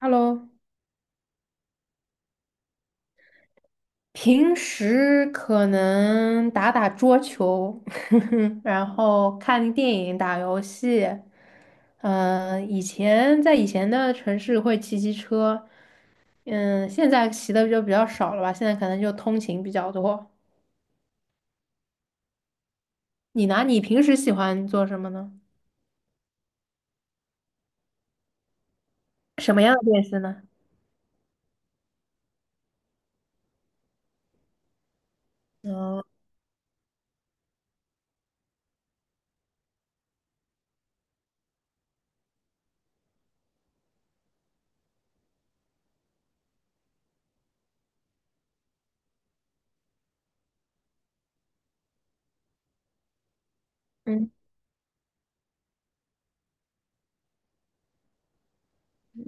Hello，平时可能打打桌球，然后看电影、打游戏。以前在以前的城市会骑骑车，现在骑的就比较少了吧，现在可能就通勤比较多。你呢？你平时喜欢做什么呢？什么样的电视呢？嗯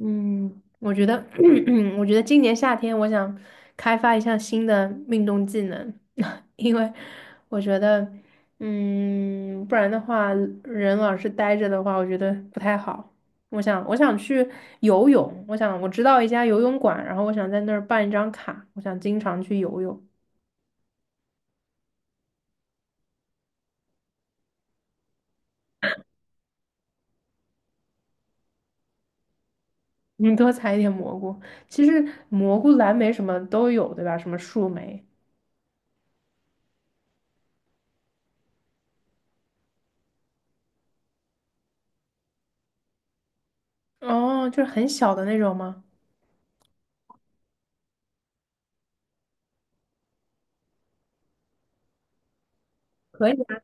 嗯，我觉得，我觉得今年夏天我想开发一项新的运动技能，因为我觉得，不然的话，人老是呆着的话，我觉得不太好。我想去游泳，我想我知道一家游泳馆，然后我想在那儿办一张卡，我想经常去游泳。你多采一点蘑菇，其实蘑菇、蓝莓什么都有，对吧？什么树莓，哦，就是很小的那种吗？可以啊，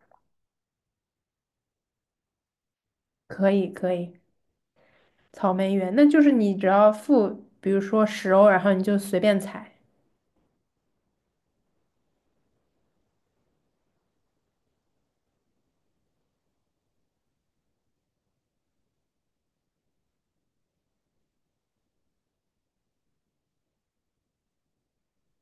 可以，可以。草莓园，那就是你只要付，比如说10欧，然后你就随便采。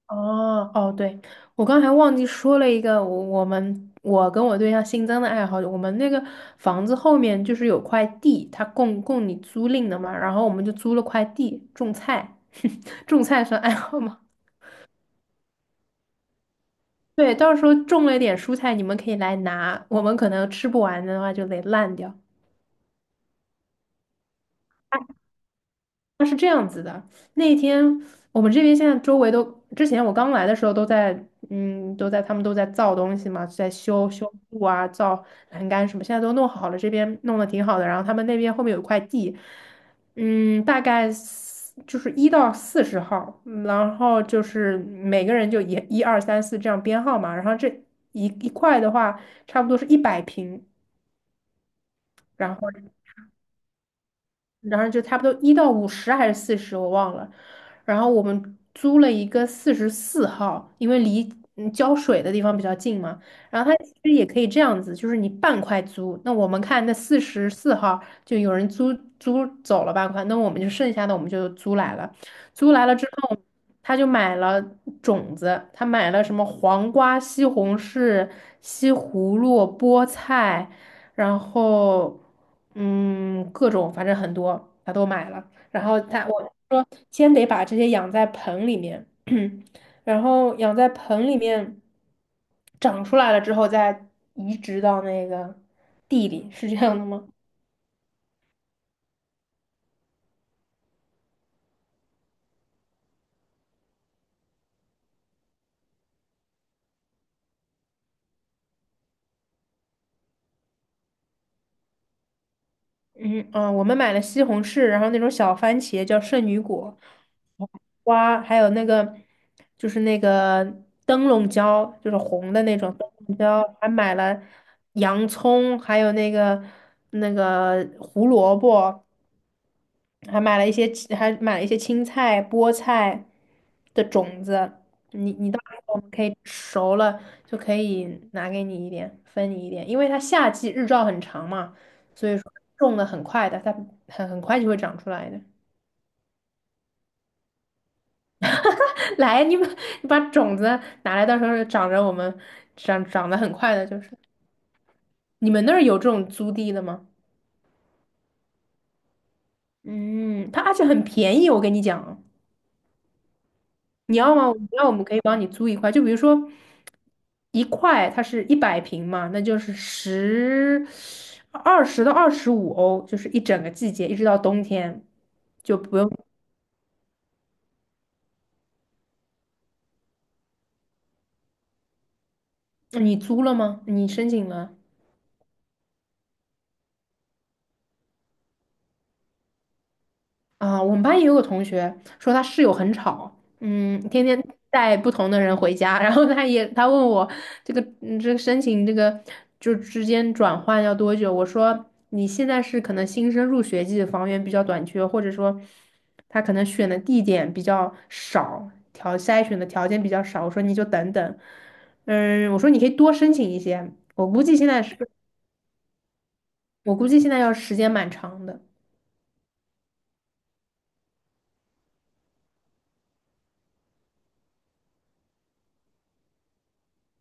哦哦，对，我刚才忘记说了一个，我跟我对象新增的爱好，我们那个房子后面就是有块地，它供你租赁的嘛，然后我们就租了块地种菜，种菜算爱好吗？对，到时候种了一点蔬菜，你们可以来拿，我们可能吃不完的话就得烂掉。它是这样子的，那一天我们这边现在周围都，之前我刚来的时候都在，他们都在造东西嘛，在修修路啊，造栏杆什么，现在都弄好了，这边弄得挺好的。然后他们那边后面有一块地，大概就是1到40号，然后就是每个人就一一二三四这样编号嘛。然后这一块的话，差不多是一百平，然后。然后就差不多1到50还是40，我忘了。然后我们租了一个四十四号，因为离浇水的地方比较近嘛。然后它其实也可以这样子，就是你半块租，那我们看那四十四号就有人租走了半块，那我们就剩下的我们就租来了。租来了之后，他就买了种子，他买了什么黄瓜、西红柿、西葫芦、菠菜。然后各种反正很多，他都买了。然后我说先得把这些养在盆里面，然后养在盆里面长出来了之后再移植到那个地里，是这样的吗？嗯嗯，我们买了西红柿，然后那种小番茄叫圣女果瓜，还有那个灯笼椒，就是红的那种灯笼椒，还买了洋葱，还有那个胡萝卜，还买了一些青菜、菠菜的种子。你到时候我们可以熟了就可以拿给你一点，分你一点，因为它夏季日照很长嘛，所以说种的很快的，它很快就会长出来的。来，你把种子拿来，到时候长着我们长得很快的，就是。你们那儿有这种租地的吗？嗯，它而且很便宜，我跟你讲。你要吗？那我们可以帮你租一块，就比如说一块，它是一百平嘛，那就是20到25欧，就是一整个季节，一直到冬天，就不用。你租了吗？你申请了？啊，我们班也有个同学说他室友很吵，天天带不同的人回家，然后他问我这个申请这个就之间转换要多久？我说你现在是可能新生入学季房源比较短缺，或者说他可能选的地点比较少，筛选的条件比较少，我说你就等等，我说你可以多申请一些，我估计现在要时间蛮长的。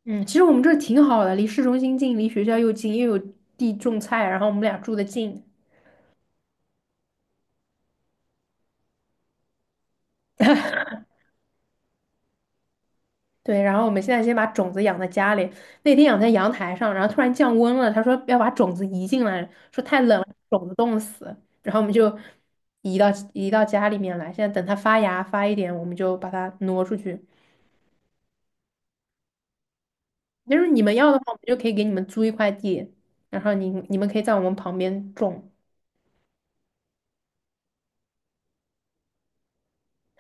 嗯，其实我们这儿挺好的，离市中心近，离学校又近，又有地种菜，然后我们俩住的近。对，然后我们现在先把种子养在家里。那天养在阳台上，然后突然降温了，他说要把种子移进来，说太冷了，种子冻死。然后我们就移到移到家里面来。现在等它发芽发一点，我们就把它挪出去。就是你们要的话，我们就可以给你们租一块地，然后你们可以在我们旁边种。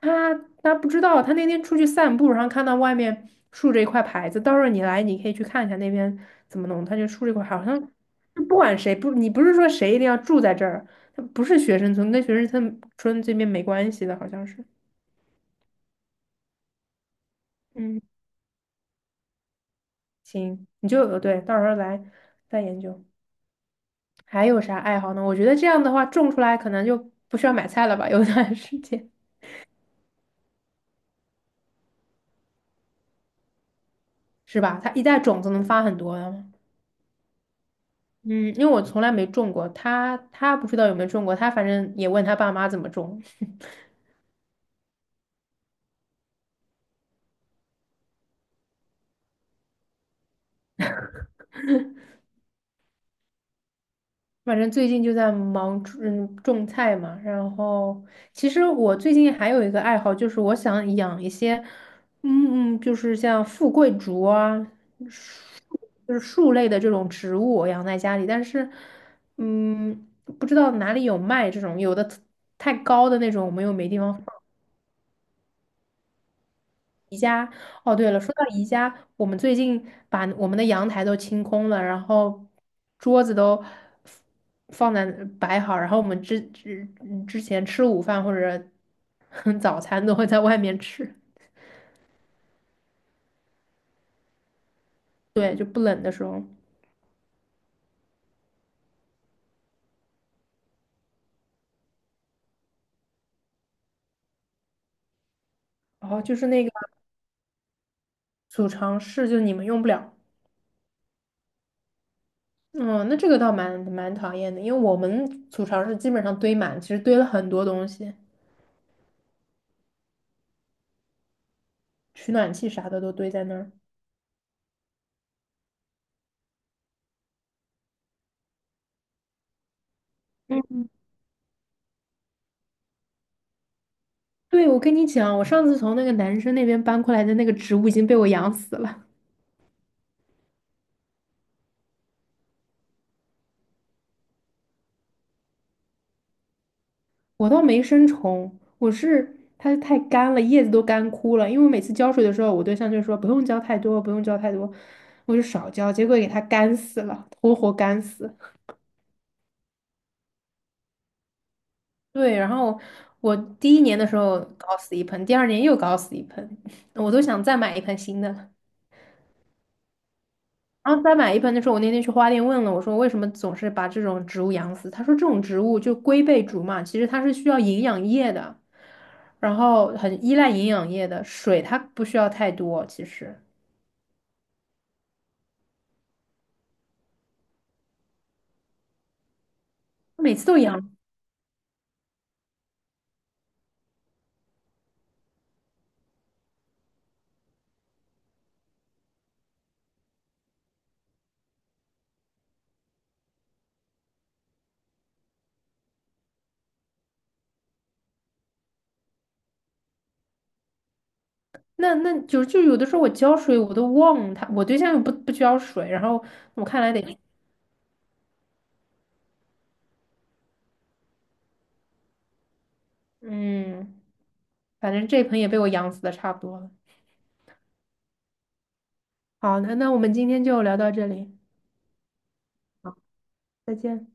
他他不知道，他那天出去散步，然后看到外面竖着一块牌子，到时候你来，你可以去看一下那边怎么弄。他就竖了一块，好像就不管谁不，你不是说谁一定要住在这儿，他不是学生村，跟学生村这边没关系的，好像是。嗯，行，你就对，到时候来再研究。还有啥爱好呢？我觉得这样的话，种出来可能就不需要买菜了吧，有段时间是吧？它一袋种子能发很多的。嗯，因为我从来没种过，他不知道有没有种过，他反正也问他爸妈怎么种，反正最近就在忙种菜嘛。然后其实我最近还有一个爱好，就是我想养一些，就是像富贵竹啊，树就是树类的这种植物，我养在家里，但是嗯，不知道哪里有卖这种，太高的那种，我们又没地方哦，对了，说到宜家，我们最近把我们的阳台都清空了，然后桌子都放在摆好，然后我们之前吃午饭或者 早餐都会在外面吃的时候，然后就是那个储藏室，就你们用不了。嗯，那这个倒蛮讨厌的，因为我们储藏室基本上堆满，其实堆了很多东西，取暖器啥的都堆在那儿。嗯，对，我跟你讲，我上次从那个男生那边搬过来的那个植物已经被我养死了。我倒没生虫，我是它太干了，叶子都干枯了。因为我每次浇水的时候，我对象就说不用浇太多，不用浇太多，我就少浇，结果给它干死了，活活干死。对，然后我第一年的时候搞死一盆，第二年又搞死一盆，我都想再买一盆新的了然后再买一盆的时候，我那天去花店问了，我说为什么总是把这种植物养死？他说这种植物就龟背竹嘛，其实它是需要营养液的，然后很依赖营养液的，水它不需要太多。其实每次都养，那就有的时候我浇水我都忘了它，我对象又不浇水，然后我看来得，嗯，反正这盆也被我养死的差不多了。好，那我们今天就聊到这里，再见。